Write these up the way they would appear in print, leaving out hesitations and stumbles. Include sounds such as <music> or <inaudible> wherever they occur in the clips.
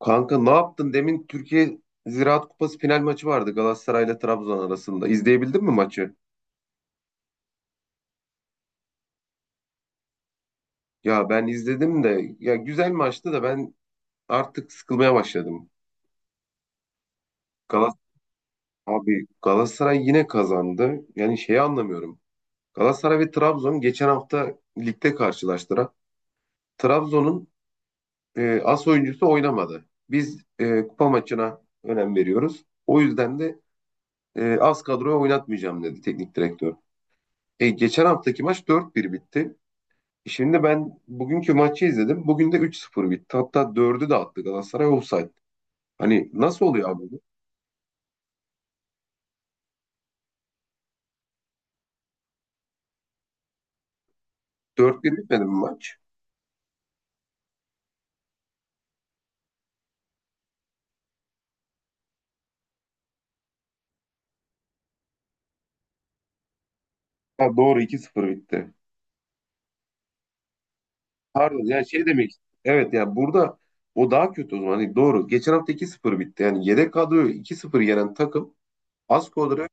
Kanka ne yaptın? Demin Türkiye Ziraat Kupası final maçı vardı Galatasaray ile Trabzon arasında. İzleyebildin mi maçı? Ya ben izledim de ya güzel maçtı da ben artık sıkılmaya başladım. Galas Abi Galatasaray yine kazandı. Yani şeyi anlamıyorum. Galatasaray ve Trabzon geçen hafta ligde karşılaştılar. Trabzon'un as oyuncusu oynamadı. Biz kupa maçına önem veriyoruz. O yüzden de az kadroya oynatmayacağım dedi teknik direktör. Geçen haftaki maç 4-1 bitti. Şimdi ben bugünkü maçı izledim. Bugün de 3-0 bitti. Hatta dördü de attı Galatasaray offside. Hani nasıl oluyor abi bu? 4-1 bitmedi mi maç? Ha, doğru 2-0 bitti. Pardon yani şey demek istedim. Evet yani burada o daha kötü o zaman. Hani doğru. Geçen hafta 2-0 bitti. Yani yedek kadroyu 2 sıfır yenen takım az kadro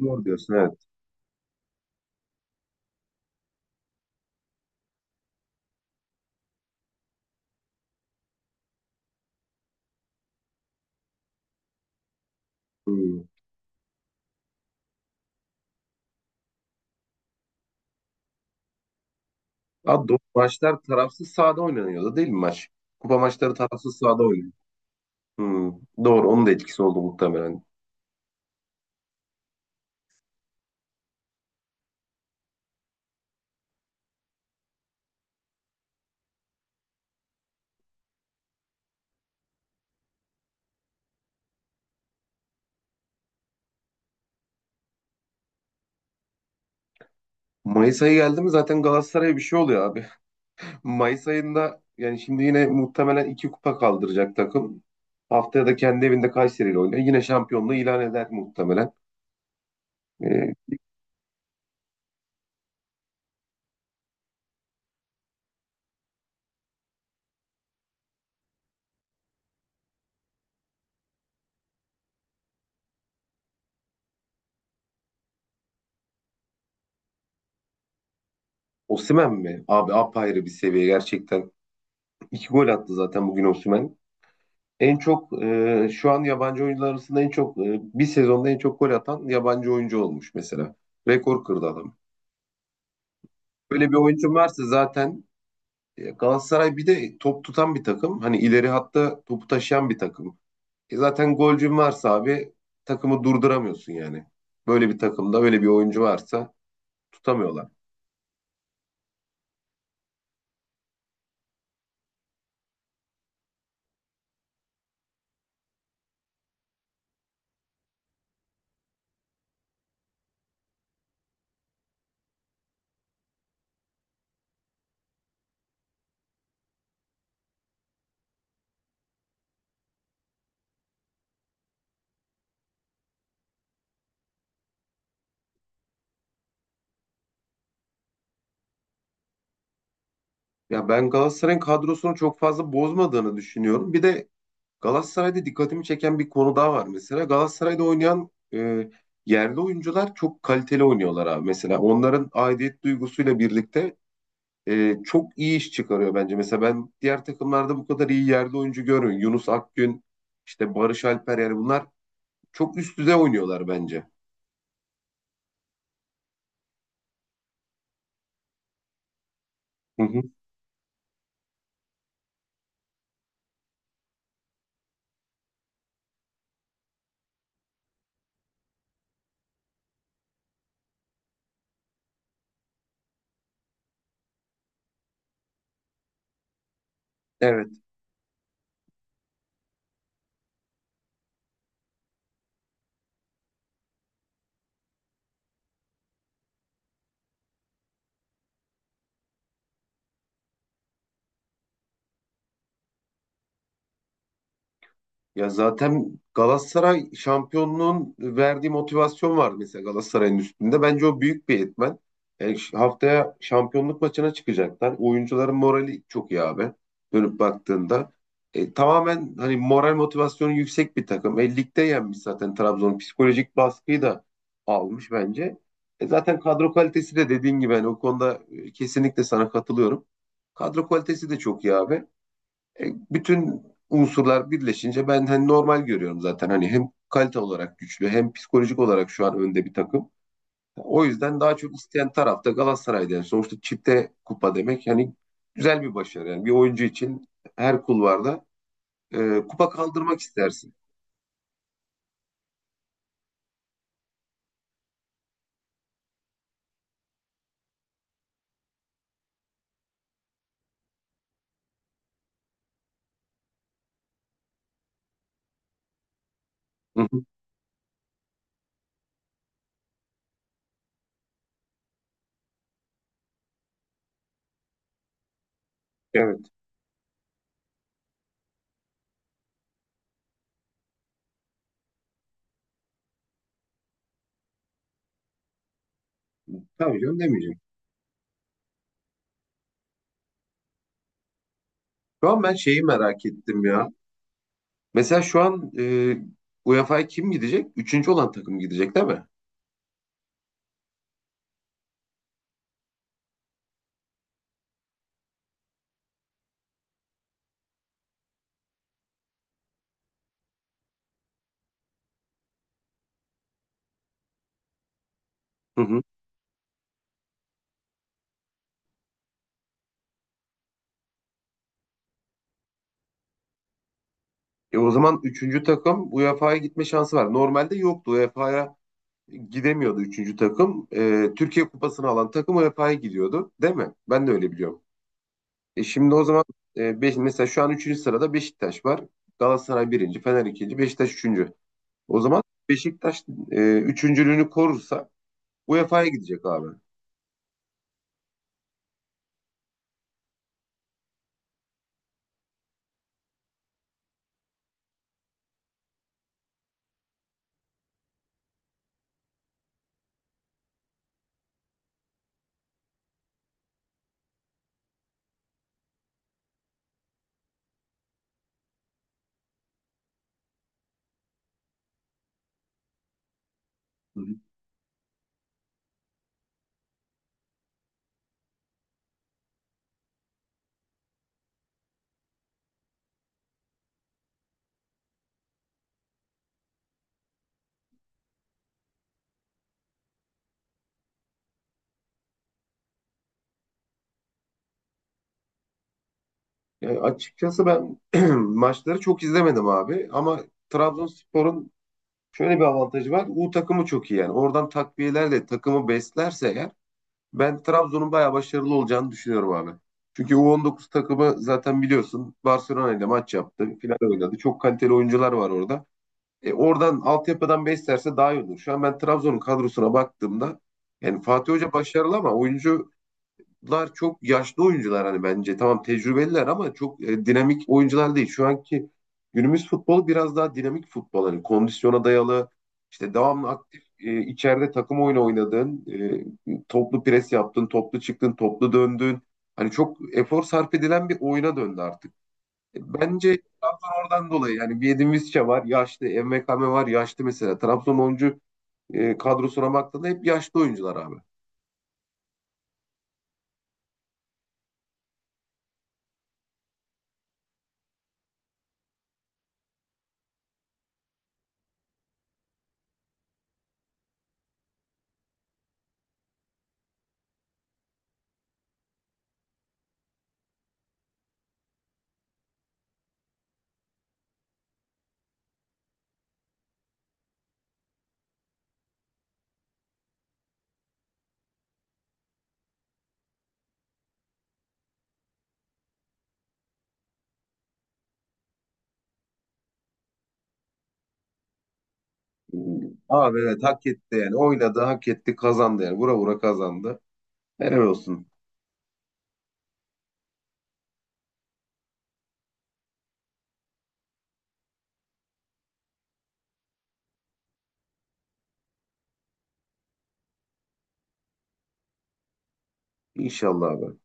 doğru diyorsun evet. Hmm. Ha, doğru. Maçlar tarafsız sahada oynanıyordu değil mi maç? Kupa maçları tarafsız sahada oynanıyor. Hmm. Doğru onun da etkisi oldu muhtemelen. Mayıs ayı geldi mi zaten Galatasaray'a bir şey oluyor abi. Mayıs ayında yani şimdi yine muhtemelen iki kupa kaldıracak takım. Haftaya da kendi evinde Kayseri ile oynuyor. Yine şampiyonluğu ilan eder muhtemelen. Ee, Osimhen mi? Abi apayrı bir seviye gerçekten. İki gol attı zaten bugün Osimhen. En çok şu an yabancı oyuncular arasında en çok bir sezonda en çok gol atan yabancı oyuncu olmuş mesela. Rekor kırdı adam. Böyle bir oyuncu varsa zaten Galatasaray bir de top tutan bir takım. Hani ileri hatta topu taşıyan bir takım. Zaten golcün varsa abi takımı durduramıyorsun yani. Böyle bir takımda böyle bir oyuncu varsa tutamıyorlar. Ya ben Galatasaray'ın kadrosunu çok fazla bozmadığını düşünüyorum. Bir de Galatasaray'da dikkatimi çeken bir konu daha var mesela. Galatasaray'da oynayan yerli oyuncular çok kaliteli oynuyorlar abi. Mesela onların aidiyet duygusuyla birlikte çok iyi iş çıkarıyor bence. Mesela ben diğer takımlarda bu kadar iyi yerli oyuncu görmüyorum. Yunus Akgün, işte Barış Alper yani bunlar çok üst düzey oynuyorlar bence. Hı hı. Evet. Ya zaten Galatasaray şampiyonluğun verdiği motivasyon var mesela Galatasaray'ın üstünde. Bence o büyük bir etmen. Yani haftaya şampiyonluk maçına çıkacaklar. Oyuncuların morali çok iyi abi. Dönüp baktığında. Tamamen hani moral motivasyonu yüksek bir takım. Ligde yenmiş zaten Trabzon. Psikolojik baskıyı da almış bence. Zaten kadro kalitesi de dediğin gibi hani o konuda kesinlikle sana katılıyorum. Kadro kalitesi de çok iyi abi. E, bütün unsurlar birleşince ben hani normal görüyorum zaten. Hani hem kalite olarak güçlü hem psikolojik olarak şu an önde bir takım. O yüzden daha çok isteyen tarafta Galatasaray'da. Yani sonuçta çifte kupa demek yani güzel bir başarı. Yani bir oyuncu için her kulvarda kupa kaldırmak istersin. Hı hı. Evet. Tabii canım demeyeceğim. Şu an ben şeyi merak ettim ya. Mesela şu an UEFA'ya kim gidecek? Üçüncü olan takım gidecek değil mi? Hı hı. O zaman üçüncü takım UEFA'ya gitme şansı var. Normalde yoktu. UEFA'ya gidemiyordu üçüncü takım. Türkiye Kupası'nı alan takım UEFA'ya gidiyordu. Değil mi? Ben de öyle biliyorum. Şimdi o zaman mesela şu an üçüncü sırada Beşiktaş var. Galatasaray birinci, Fener ikinci, Beşiktaş üçüncü. O zaman Beşiktaş üçüncülüğünü korursa UEFA'ya gidecek abi. Hı hı. Yani açıkçası ben <clears throat> maçları çok izlemedim abi ama Trabzonspor'un şöyle bir avantajı var. U takımı çok iyi yani. Oradan takviyelerle takımı beslerse eğer ben Trabzon'un bayağı başarılı olacağını düşünüyorum abi. Çünkü U19 takımı zaten biliyorsun Barcelona ile maç yaptı. Final oynadı. Çok kaliteli oyuncular var orada. Oradan altyapıdan beslerse daha iyi olur. Şu an ben Trabzon'un kadrosuna baktığımda yani Fatih Hoca başarılı ama oyuncu lar çok yaşlı oyuncular hani bence. Tamam tecrübeliler ama çok dinamik oyuncular değil. Şu anki günümüz futbolu biraz daha dinamik futbol. Hani kondisyona dayalı, işte devamlı aktif içeride takım oyunu oynadın, toplu pres yaptın, toplu çıktın, toplu döndün. Hani çok efor sarf edilen bir oyuna döndü artık. Bence Trabzon oradan dolayı yani bir Edin Visca var, yaşlı, MKM var, yaşlı mesela. Trabzon oyuncu kadrosuna baktığında hep yaşlı oyuncular abi. Abi evet hak etti yani. Oynadı, hak etti, kazandı yani. Vura vura kazandı. Helal olsun. İnşallah abi.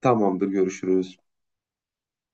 Tamamdır, görüşürüz.